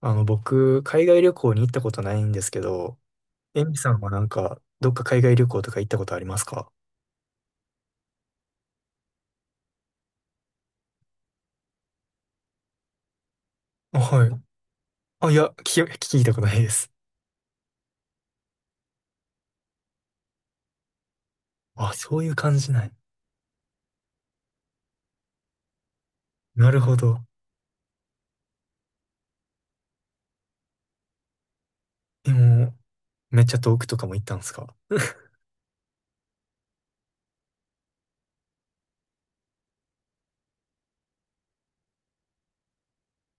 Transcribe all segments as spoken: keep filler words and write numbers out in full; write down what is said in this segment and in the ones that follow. あの、僕、海外旅行に行ったことないんですけど、エミさんはなんか、どっか海外旅行とか行ったことありますか？あ、はい。あ、いや、聞き、聞いたことないです。あ、そういう感じ。ない。なるほど。でも、めっちゃ遠くとかも行ったんですか？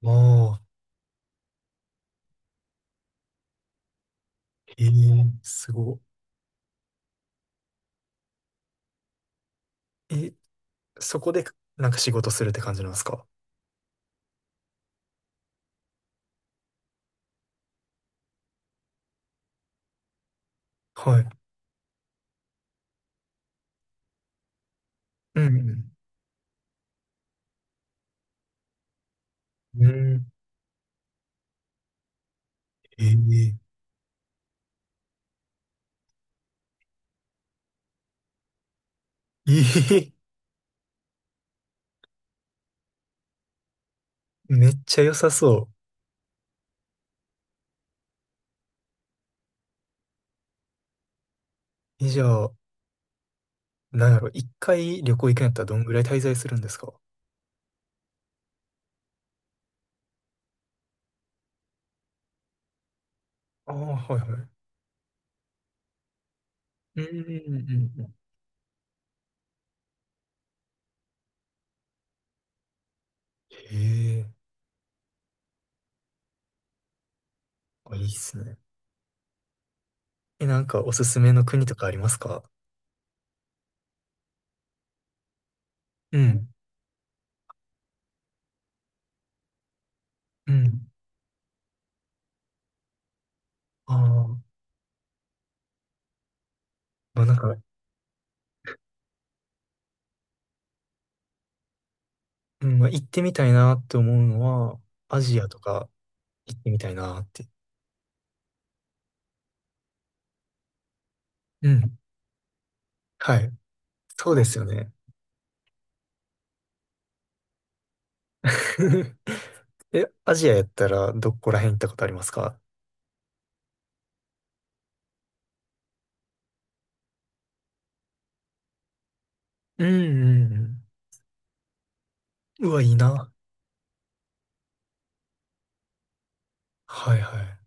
ああ、ええ、すごい。え、そこで、なんか仕事するって感じなんですか？はい。うん。うん。うん。ええ、ええ、めっちゃ良さそう。え、じゃあ、なんやろ、一回旅行行くんやったらどんぐらい滞在するんですか？ああ、はいはい。うんうんうんうん。へえ。あ、いいっすね。え、なんかおすすめの国とかありますか？うん、うん。ああ、まあなんか、うん、まあ行ってみたいなって思うのは、アジアとか行ってみたいなって。うん。はい。そうですよね。え、アジアやったらどこら辺行ったことありますか？うんうんうん。うわ、いいな。はいはい。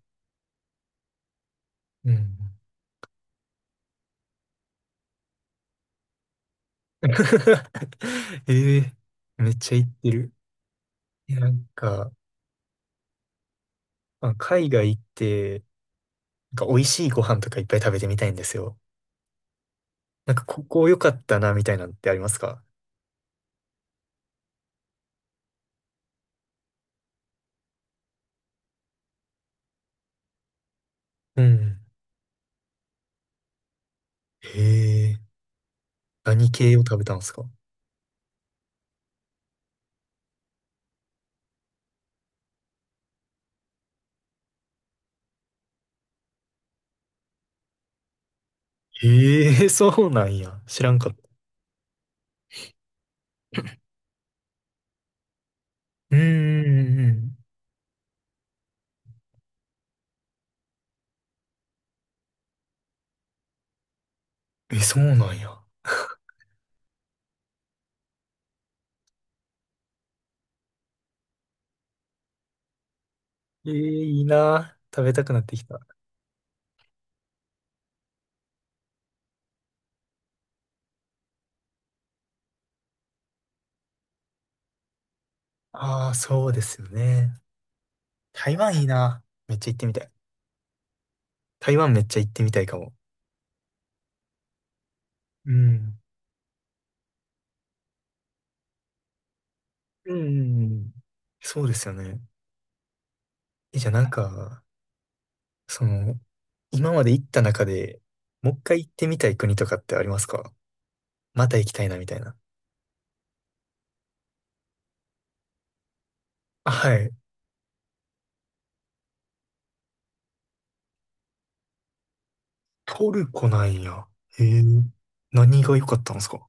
うんうん。ええ、めっちゃ行ってる。え、なんか、まあ、海外行って、なんか美味しいご飯とかいっぱい食べてみたいんですよ。なんかここ良かったな、みたいなのってありますか？うん。へえ、何系を食べたんですか？へえ、そうなんや。知らんかった。うんうんうん。え、そうなんや。えー、いいな。食べたくなってきた。ああ、そうですよね。台湾いいな。めっちゃ行ってみたい。台湾めっちゃ行ってみたいかも。うん。うんうんうん。そうですよね。え、じゃあなんか、その、今まで行った中で、もう一回行ってみたい国とかってありますか？また行きたいなみたいな。あ、はい。トルコなんや。へえ。何が良かったんですか？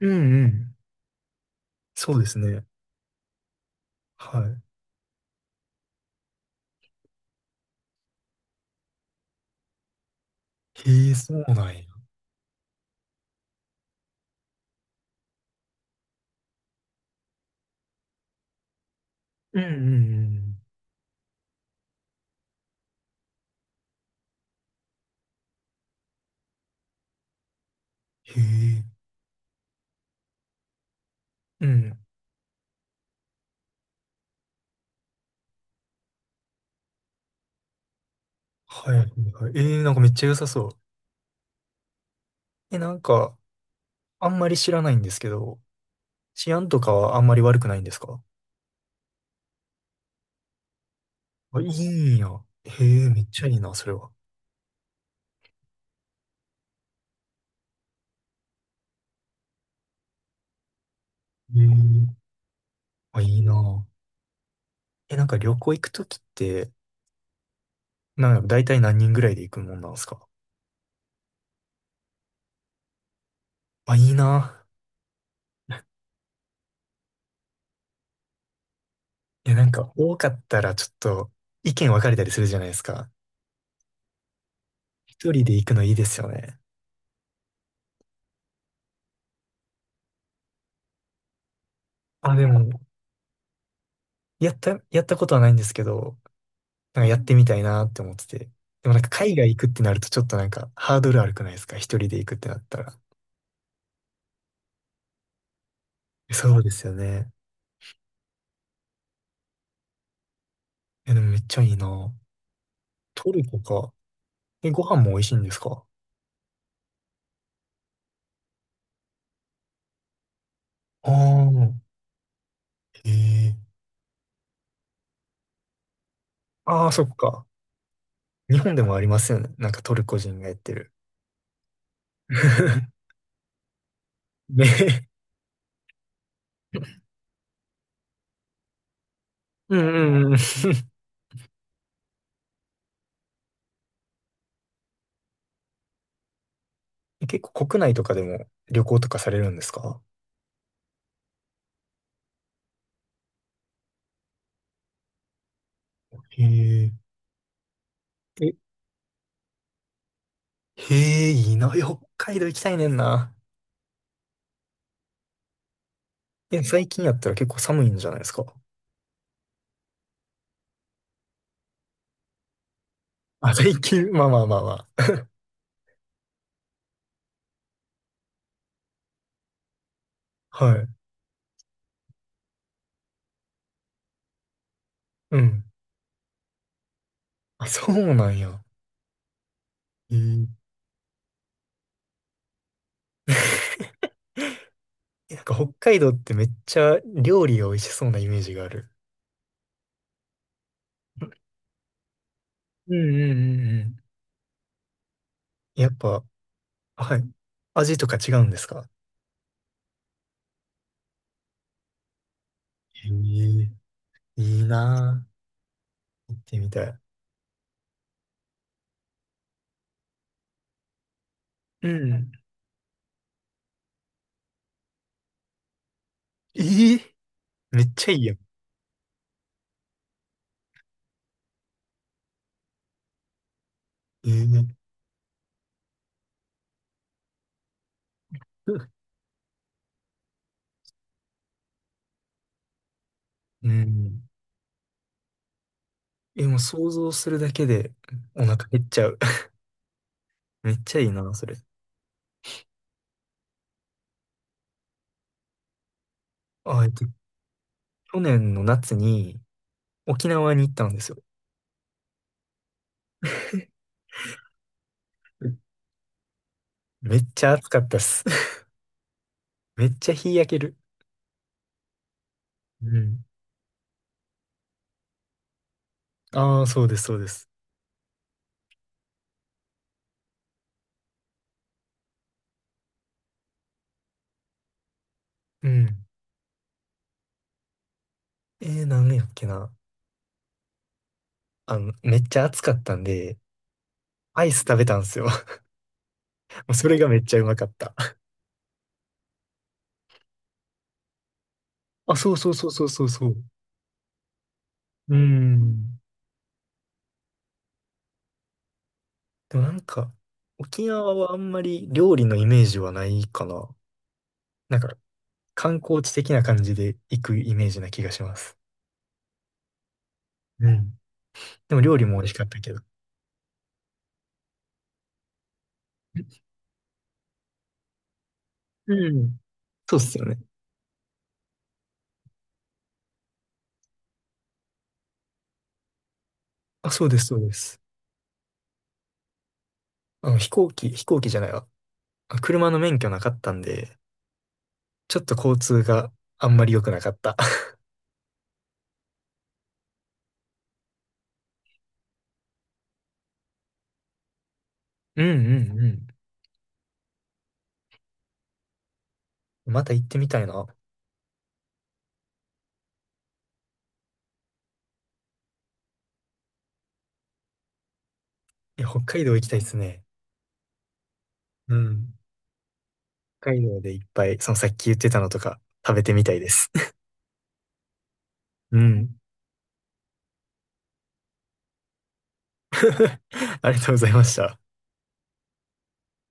うんうん。そうですね。はい。へえ、そうなんや。うんうんうん。へえ。うん。はいはいはい。えー、なんかめっちゃ良さそう。え、なんか、あんまり知らないんですけど、治安とかはあんまり悪くないんですか？あ、いいんや。へえ、めっちゃいいな、それは。へえ。あ、いいな。え、なんか旅行行くときって、なんか大体何人ぐらいで行くもんなんですか？あ、いいな。いや、なんか多かったらちょっと意見分かれたりするじゃないですか。一人で行くのいいですよね。あ、でも、やった、やったことはないんですけど、なんかやってみたいなって思ってて。でもなんか海外行くってなるとちょっとなんかハードル悪くないですか、一人で行くってなったら。そうですよね。え、でもめっちゃいいな。トルコか。え、ご飯も美味しいんですか？ああー、へえ。ああ、そっか。日本でもありますよね。なんかトルコ人がやってる。ね。うんうんうん。結構国内とかでも旅行とかされるんですか？へえ。え、へえ、いいな。北海道行きたいねんな。え、最近やったら結構寒いんじゃないですか？あ、最近、まあまあまあまあ。はい。うん。あ、そうなんや。へえ。 え、なんか北海道ってめっちゃ料理が美味しそうなイメージがある。うんうんうんうん。やっぱ、はい。味とか違うんですか？へえ、いいなぁ。行ってみたい。うん。えー、めっちゃいいやん。えー、うん。え、もう想像するだけでお腹減っちゃう。めっちゃいいな、それ。あ、えっと、去年の夏に沖縄に行ったんですよ。え、めっちゃ暑かったっす。めっちゃ日焼ける。うん。ああ、そうです、そうです。うん。えー、なんやっけな。あの、めっちゃ暑かったんで、アイス食べたんですよ。もうそれがめっちゃうまかった。あ、そうそうそうそうそうそう。うん。でもなんか、沖縄はあんまり料理のイメージはないかな。なんか、観光地的な感じで行くイメージな気がします。うん。でも料理も美味しかったけど。うん。そうっすよね。あ、そうです、そうです。あの、飛行機、飛行機じゃないわ。あ、車の免許なかったんで、ちょっと交通があんまり良くなかった。うんうんうん。また行ってみたいな。いや、北海道行きたいですね。うん。北海道でいっぱい、そのさっき言ってたのとか食べてみたいです。うん。ありがとうございました。